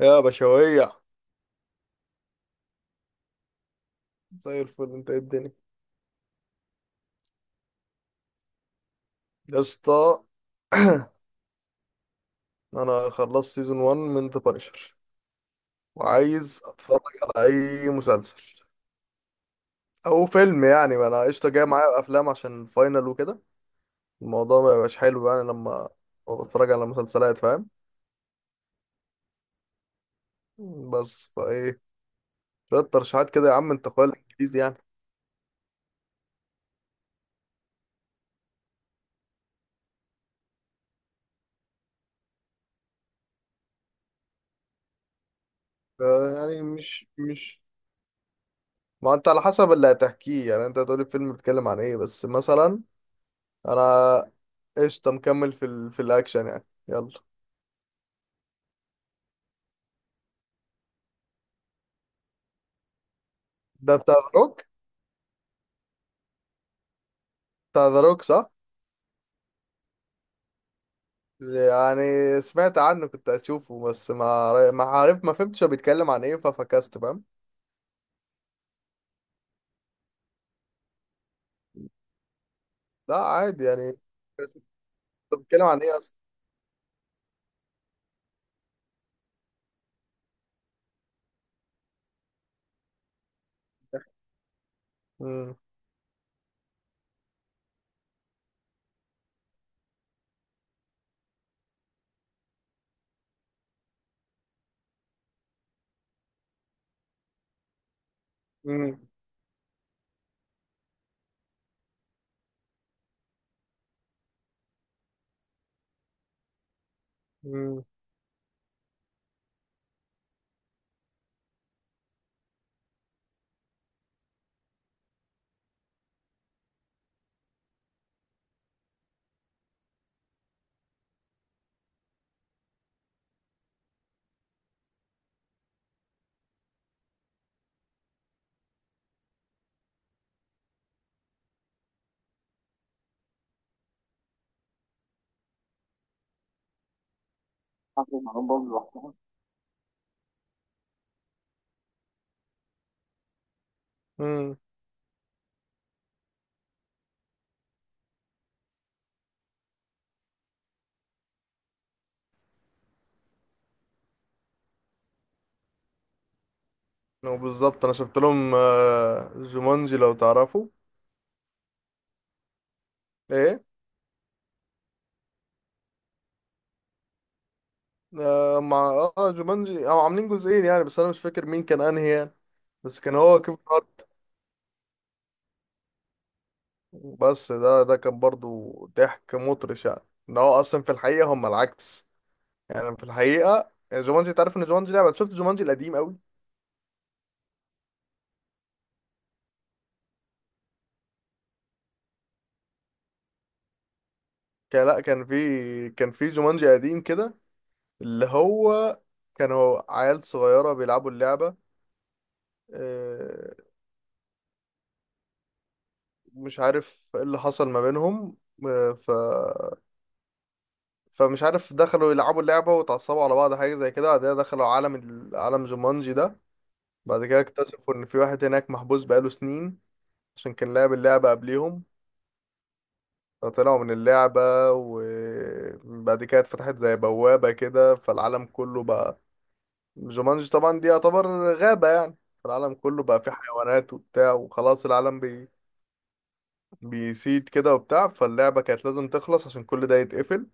يا بشوية، زي الفل. انت ايه الدنيا؟ يا اسطى. انا خلصت سيزون 1 من ذا بانشر، وعايز اتفرج على اي مسلسل او فيلم. يعني ما انا قشطه جاي معايا افلام عشان فاينل وكده. الموضوع ما يبقاش حلو يعني لما بتفرج على مسلسلات، فاهم؟ بس فايه شويه ترشيحات كده يا عم، انت اخويا الانجليزي يعني. ف- يعني مش ما انت على حسب اللي هتحكيه. يعني انت هتقولي الفيلم بيتكلم عن ايه بس مثلا. انا قشطة مكمل في الأكشن يعني، يلا. ده بتاع ذا روك، بتاع ذا روك صح؟ يعني سمعت عنه كنت أشوفه، بس ما عارف، ما فهمتش هو بيتكلم عن إيه ففكست، فاهم؟ لا عادي يعني. طب بيتكلم عن إيه أصلا؟ مم. مم. مم. مم. هو بالظبط أنا شفت لهم، جومانجي لو تعرفوا. إيه؟ مع جومانجي، أو عاملين جزئين يعني، بس أنا مش فاكر مين كان أنهي يعني، بس كان هو كيف. بس ده كان برضو ضحك مطرش يعني. ان هو اصلا في الحقيقه هم العكس. يعني في الحقيقه جومانجي، انت عارف ان جومانجي لعبه؟ شفت جومانجي القديم قوي. كان، لا، كان في جومانجي قديم كده، اللي هو كانوا عيال صغيره بيلعبوا اللعبه. آه، مش عارف ايه اللي حصل ما بينهم. آه، ف فمش عارف، دخلوا يلعبوا اللعبه وتعصبوا على بعض حاجه زي كده. بعد كده دخلوا عالم عالم جومانجي ده. بعد كده اكتشفوا ان في واحد هناك محبوس بقاله سنين، عشان كان لعب اللعبة قبليهم. فطلعوا من اللعبة، وبعد كده اتفتحت زي بوابة كده، فالعالم كله بقى جومانجي. طبعا دي يعتبر غابة يعني، فالعالم كله بقى فيه حيوانات وبتاع، وخلاص العالم بيسيد كده وبتاع. فاللعبة كانت لازم تخلص عشان كل ده يتقفل.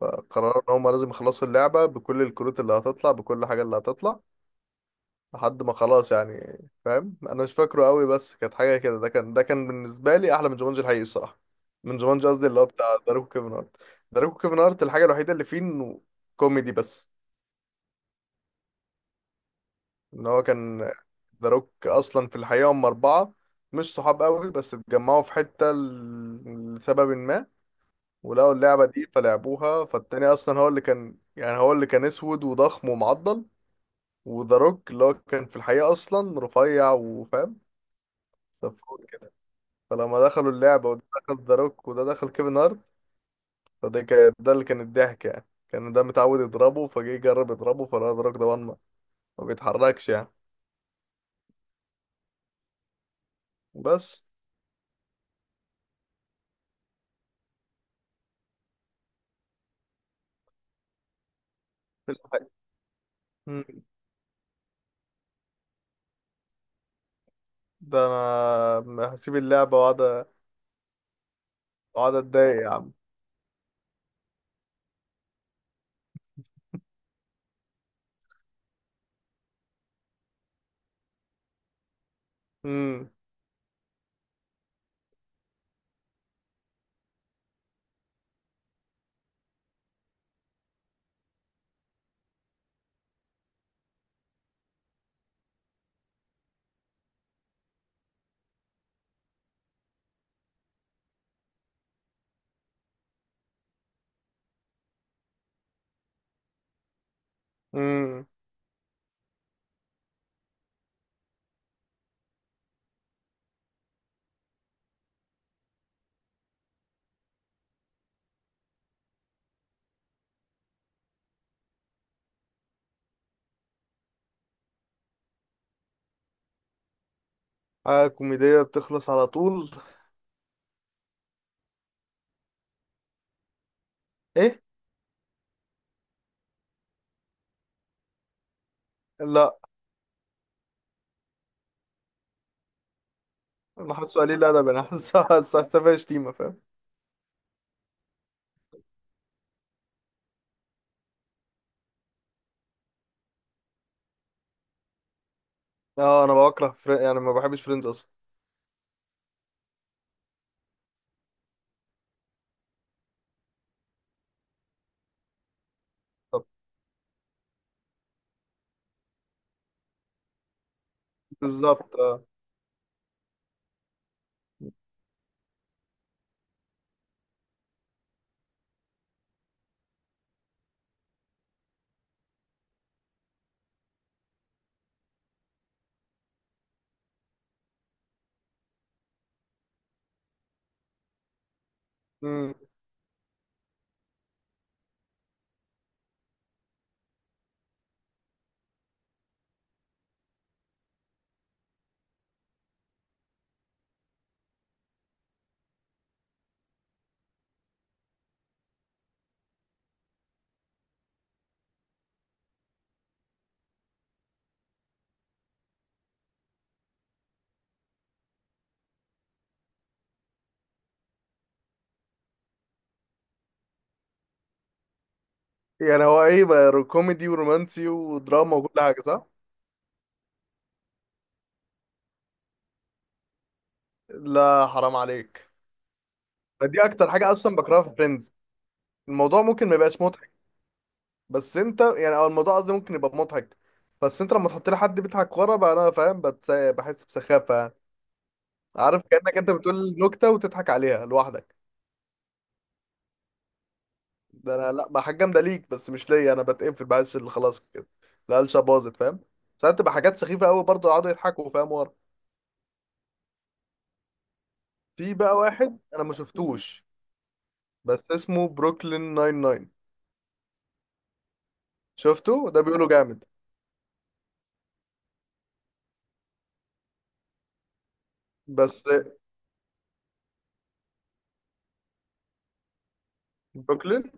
فقرروا ان هما لازم يخلصوا اللعبة بكل الكروت اللي هتطلع، بكل حاجة اللي هتطلع، لحد ما خلاص يعني. فاهم؟ انا مش فاكره قوي بس كانت حاجه كده. ده كان بالنسبه لي احلى من جومانجي الحقيقي الصراحه. من جومانجي قصدي اللي هو بتاع داروكو كيفن هارت. داروكو كيفن هارت، الحاجه الوحيده اللي فيه انه كوميدي بس. ان هو كان داروك اصلا في الحقيقه هم اربعه، مش صحاب قوي بس اتجمعوا في حته لسبب ما، ولقوا اللعبه دي فلعبوها. فالتاني اصلا هو اللي كان يعني، هو اللي كان اسود وضخم ومعضل. وداروك اللي هو كان في الحقيقه اصلا رفيع وفاهم، صفور. فلما دخلوا اللعبة، وده دخل ذا روك وده دخل كيفن هارت، فده كان ده اللي كان الضحك يعني. كان ده متعود يضربه، فجه يجرب يضربه فلقى ذا روك ده ما بيتحركش يعني. بس في الحقيقة. مم. ده انا هسيب اللعبة واقعد، اقعد اتضايق يا عم. امم امم حاجة كوميدية بتخلص على طول. ايه. لا، انا حاسه قليل ادب انا حاسه شتيمة، فاهم؟ اه انا يعني ما بحبش فريندز اصلا. طب. بالظبط، اه. مم. يعني هو ايه بقى، كوميدي ورومانسي ودراما وكل حاجه، صح؟ لا حرام عليك، دي اكتر حاجه اصلا بكرهها في فريندز. الموضوع ممكن ما يبقاش مضحك، بس انت يعني، او الموضوع قصدي ممكن يبقى مضحك، بس انت لما تحط لي حد بيضحك ورا بقى، انا فاهم، بحس بسخافه يعني. عارف؟ كانك انت بتقول نكته وتضحك عليها لوحدك. ده انا لا بقى، حاجه جامده ليك بس مش ليا. انا بتقفل، بحس اللي خلاص كده القلشه باظت، فاهم؟ ساعات تبقى حاجات سخيفه قوي برضه يقعدوا يضحكوا، فاهم، ورا. في بقى واحد انا ما شفتوش، بس اسمه بروكلين 99. شفته؟ ده بيقولوا جامد. بس بروكلين.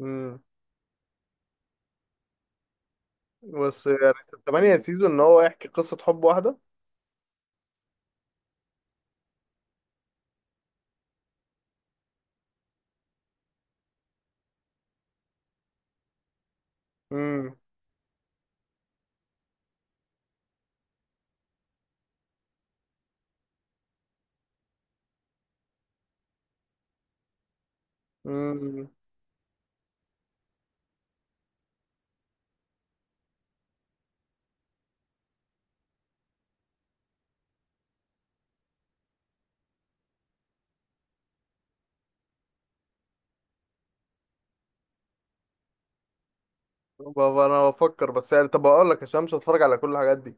مم. بس يعني 8 سيزون ان هو يحكي قصة حب واحدة. امم امم بابا انا بفكر بس يعني. طب اقول لك، عشان مش هتفرج على كل الحاجات دي،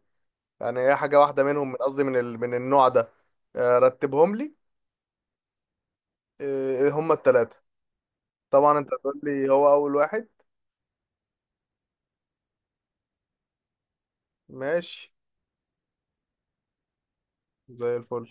يعني هي حاجة واحدة منهم، من قصدي، من النوع ده. رتبهم لي. هما التلاتة. طبعا انت هتقول لي هو اول واحد. ماشي. زي الفل.